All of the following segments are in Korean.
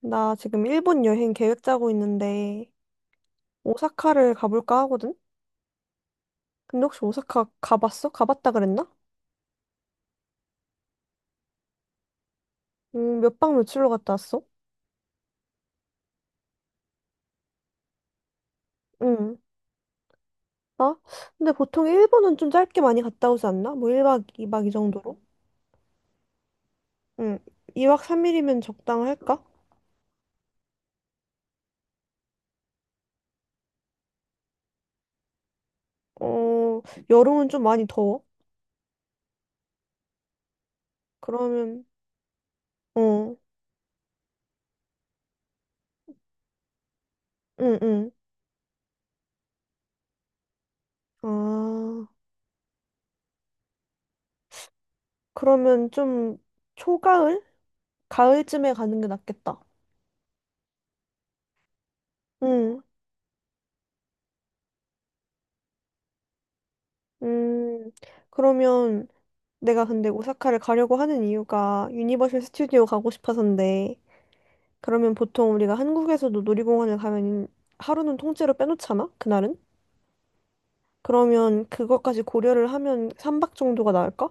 나 지금 일본 여행 계획 짜고 있는데, 오사카를 가볼까 하거든? 근데 혹시 오사카 가봤어? 가봤다 그랬나? 몇 박 며칠로 갔다 왔어? 응. 나? 근데 보통 일본은 좀 짧게 많이 갔다 오지 않나? 뭐 1박 2박 이박 이 정도로? 응. 2박 3일이면 적당할까? 어, 여름은 좀 많이 더워? 그러면, 어, 응, 응. 아, 그러면 좀 초가을? 가을쯤에 가는 게 낫겠다. 응. 음, 그러면 내가 근데 오사카를 가려고 하는 이유가 유니버셜 스튜디오 가고 싶어서인데, 그러면 보통 우리가 한국에서도 놀이공원을 가면 하루는 통째로 빼놓잖아? 그날은? 그러면 그것까지 고려를 하면 3박 정도가 나을까?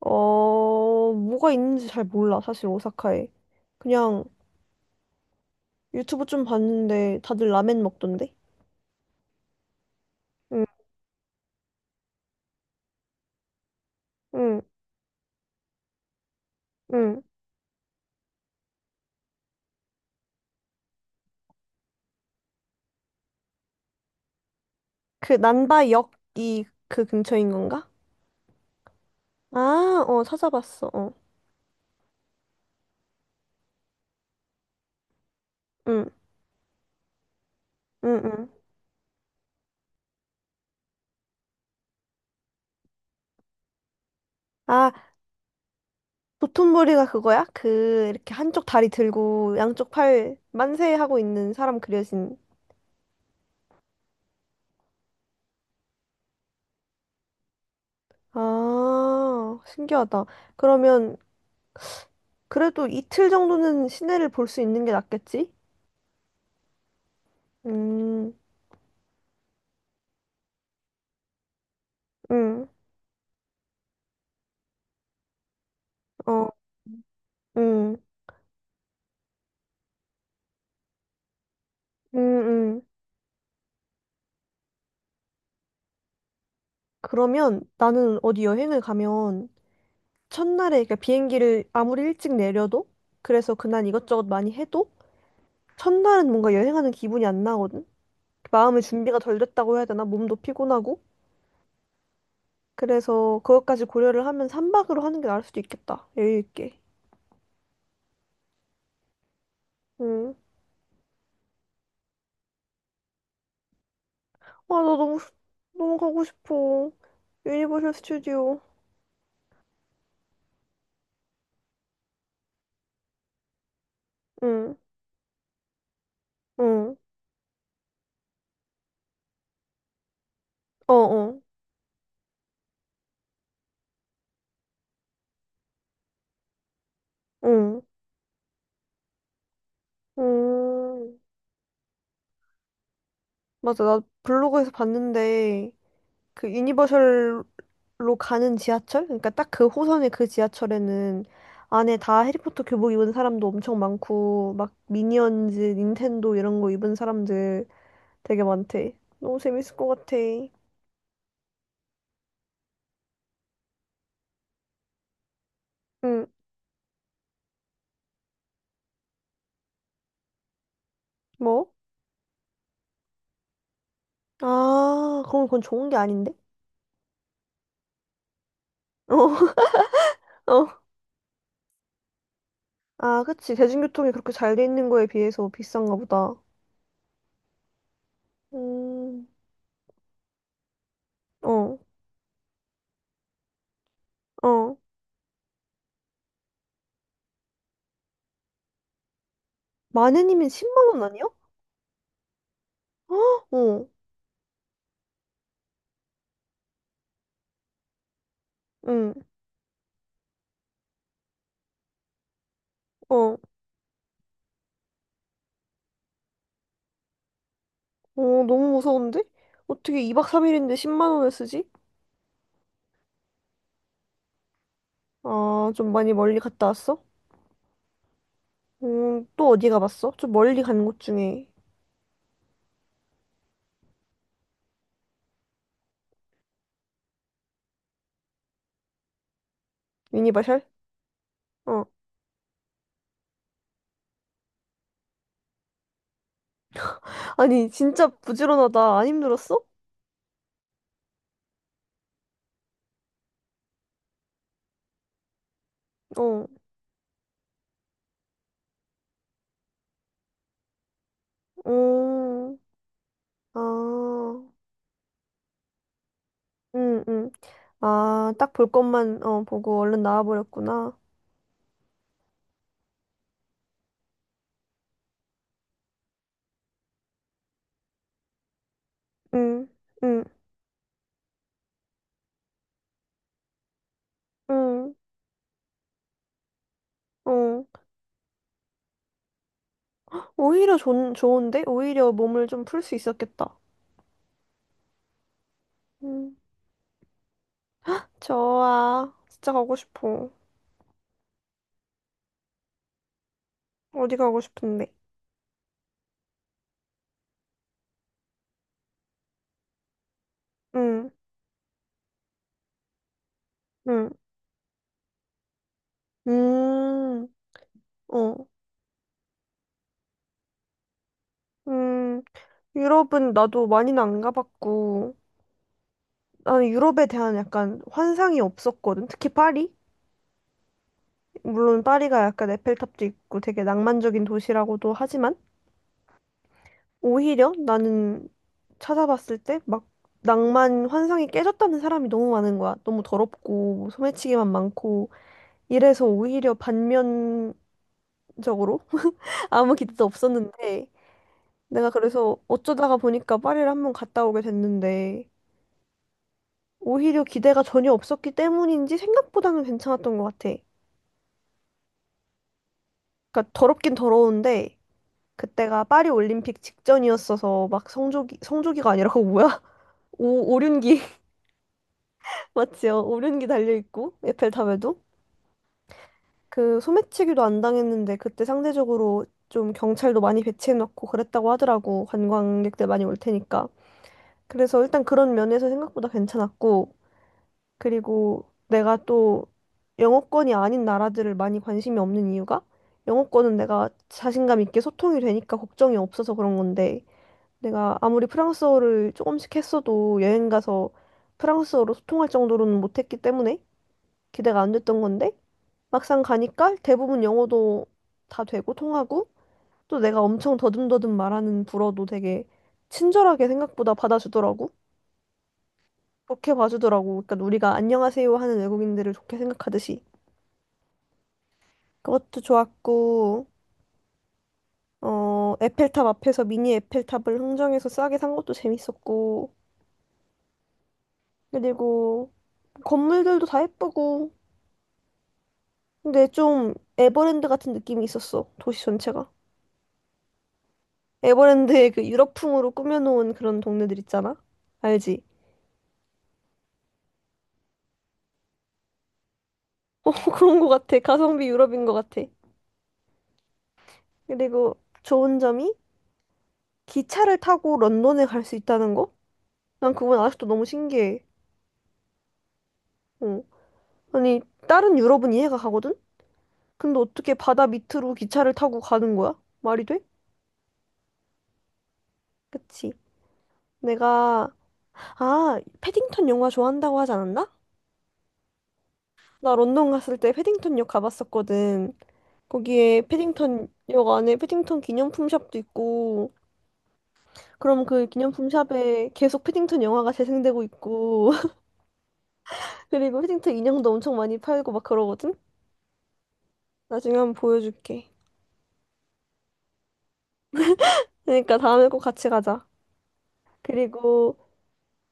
어, 뭐가 있는지 잘 몰라, 사실 오사카에. 그냥 유튜브 좀 봤는데 다들 라멘 먹던데? 응, 응, 응. 그 난바역이 그 근처인 건가? 아, 어, 찾아봤어, 어. 응, 응, 응. 아, 도톤보리가 그거야? 그 이렇게 한쪽 다리 들고 양쪽 팔 만세 하고 있는 사람 그려진. 아, 신기하다. 그러면 그래도 이틀 정도는 시내를 볼 수 있는 게 낫겠지? 음, 음, 어, 음, 음, 음. 그러면 나는 어디 여행을 가면 첫날에 그러니까 비행기를 아무리 일찍 내려도 그래서 그날 이것저것 많이 해도 첫날은 뭔가 여행하는 기분이 안 나거든? 마음의 준비가 덜 됐다고 해야 되나? 몸도 피곤하고. 그래서 그것까지 고려를 하면 삼박으로 하는 게 나을 수도 있겠다. 여유 있게. 응. 아, 나 너무 가고 싶어. 유니버셜 스튜디오. 응. 응. 어, 어. 응. 음. 맞아. 나 블로그에서 봤는데 그 유니버셜로 가는 지하철? 그러니까 딱 그 호선의 그 지하철에는 안에 다 해리포터 교복 입은 사람도 엄청 많고 막 미니언즈, 닌텐도 이런 거 입은 사람들 되게 많대. 너무 재밌을 것 같아. 응. 뭐? 아, 그럼 그건 좋은 게 아닌데? 어, 어. 아, 그치. 대중교통이 그렇게 잘 돼 있는 거에 비해서 비싼가 보다. 음, 어, 어. 마네님은 10만 원 아니야? 어, 어, 응, 어. 어, 너무 무서운데? 어떻게 2박 3일인데 10만 원을 쓰지? 아, 좀 많이 멀리 갔다 왔어? 또 어디 가봤어? 좀 멀리 간 곳 중에. 유니바샬? 어. 아니, 진짜 부지런하다. 안 힘들었어? 어, 어. 아, 응, 응. 아, 딱 볼 것만 어, 보고 얼른 나와버렸구나. 응, 응, 응, 어. 오히려 좋은데? 오히려 몸을 좀 풀 수 있었겠다. 응, 좋아. 진짜 가고 싶어. 어디 가고 싶은데? 응, 응, 음, 어, 음. 유럽은 나도 많이는 안 가봤고, 나는 유럽에 대한 약간 환상이 없었거든. 특히 파리? 물론 파리가 약간 에펠탑도 있고 되게 낭만적인 도시라고도 하지만, 오히려 나는 찾아봤을 때 막 낭만 환상이 깨졌다는 사람이 너무 많은 거야. 너무 더럽고 소매치기만 많고 이래서 오히려 반면적으로 아무 기대도 없었는데 내가 그래서 어쩌다가 보니까 파리를 한번 갔다 오게 됐는데 오히려 기대가 전혀 없었기 때문인지 생각보다는 괜찮았던 것 같아. 그러니까 더럽긴 더러운데 그때가 파리 올림픽 직전이었어서 막 성조기 성조기가 아니라 그거 뭐야? 오 오륜기 맞지요? 오륜기 달려있고, 에펠탑에도. 그 소매치기도 안 당했는데, 그때 상대적으로 좀 경찰도 많이 배치해놓고 그랬다고 하더라고. 관광객들 많이 올 테니까. 그래서 일단 그런 면에서 생각보다 괜찮았고, 그리고 내가 또 영어권이 아닌 나라들을 많이 관심이 없는 이유가, 영어권은 내가 자신감 있게 소통이 되니까 걱정이 없어서 그런 건데, 내가 아무리 프랑스어를 조금씩 했어도 여행 가서 프랑스어로 소통할 정도로는 못했기 때문에 기대가 안 됐던 건데, 막상 가니까 대부분 영어도 다 되고 통하고 또 내가 엄청 더듬더듬 말하는 불어도 되게 친절하게 생각보다 받아주더라고. 좋게 봐주더라고. 그러니까 우리가 안녕하세요 하는 외국인들을 좋게 생각하듯이 그것도 좋았고 어 에펠탑 앞에서 미니 에펠탑을 흥정해서 싸게 산 것도 재밌었고 그리고 건물들도 다 예쁘고 근데 좀 에버랜드 같은 느낌이 있었어. 도시 전체가. 에버랜드의 그 유럽풍으로 꾸며놓은 그런 동네들 있잖아. 알지? 그런 것 같아. 가성비 유럽인 것 같아. 그리고 좋은 점이 기차를 타고 런던에 갈 수 있다는 거? 난 그건 아직도 너무 신기해. 어. 아니, 다른 유럽은 이해가 가거든? 근데 어떻게 바다 밑으로 기차를 타고 가는 거야? 말이 돼? 그치. 내가, 아, 패딩턴 영화 좋아한다고 하지 않았나? 나 런던 갔을 때 패딩턴 역 가봤었거든. 거기에 패딩턴 역 안에 패딩턴 기념품 샵도 있고, 그럼 그 기념품 샵에 계속 패딩턴 영화가 재생되고 있고, 그리고 힐링턴 인형도 엄청 많이 팔고 막 그러거든? 나중에 한번 보여줄게. 그러니까 다음에 꼭 같이 가자. 그리고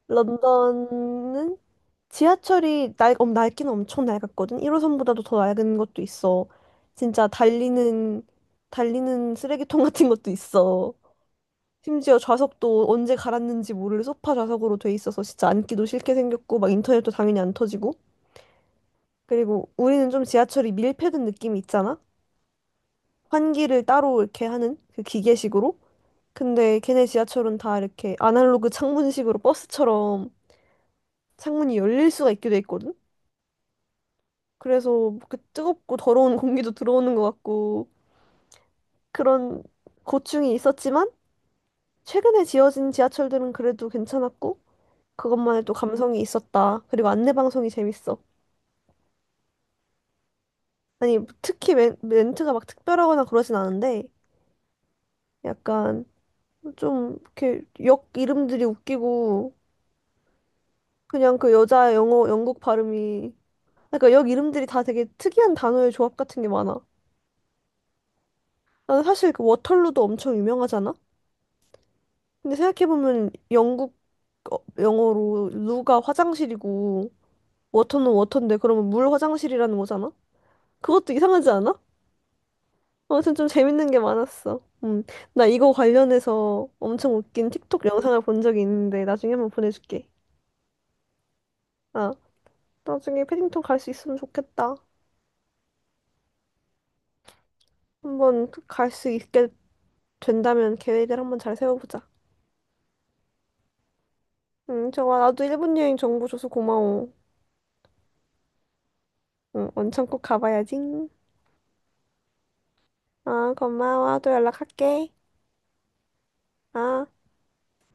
런던은 지하철이 낡기는 엄청 낡았거든? 1호선보다도 더 낡은 것도 있어. 진짜 달리는 쓰레기통 같은 것도 있어. 심지어 좌석도 언제 갈았는지 모를 소파 좌석으로 돼 있어서 진짜 앉기도 싫게 생겼고, 막 인터넷도 당연히 안 터지고. 그리고 우리는 좀 지하철이 밀폐된 느낌이 있잖아? 환기를 따로 이렇게 하는 그 기계식으로? 근데 걔네 지하철은 다 이렇게 아날로그 창문식으로 버스처럼 창문이 열릴 수가 있게 돼 있거든? 그래서 뭐 그 뜨겁고 더러운 공기도 들어오는 것 같고 그런 고충이 있었지만 최근에 지어진 지하철들은 그래도 괜찮았고 그것만의 또 감성이 있었다. 그리고 안내 방송이 재밌어. 아니 특히 멘트가 막 특별하거나 그러진 않은데 약간 좀 이렇게 역 이름들이 웃기고 그냥 그 여자 영어 영국 발음이 그러니까 역 이름들이 다 되게 특이한 단어의 조합 같은 게 많아. 나는 사실 그 워털루도 엄청 유명하잖아? 근데 생각해보면 영국 어, 영어로 루가 화장실이고 워터는 워터인데 그러면 물 화장실이라는 거잖아? 그것도 이상하지 않아? 아무튼 좀 재밌는 게 많았어. 나 이거 관련해서 엄청 웃긴 틱톡 영상을 본 적이 있는데 나중에 한번 보내줄게. 아, 나중에 패딩턴 갈 수 있으면 좋겠다. 한번 갈 수 있게 된다면 계획을 한번 잘 세워보자. 응, 좋아. 나도 일본 여행 정보 줘서 고마워. 응, 원천 꼭 가봐야지. 응. 아, 고마워. 또 연락할게. 아.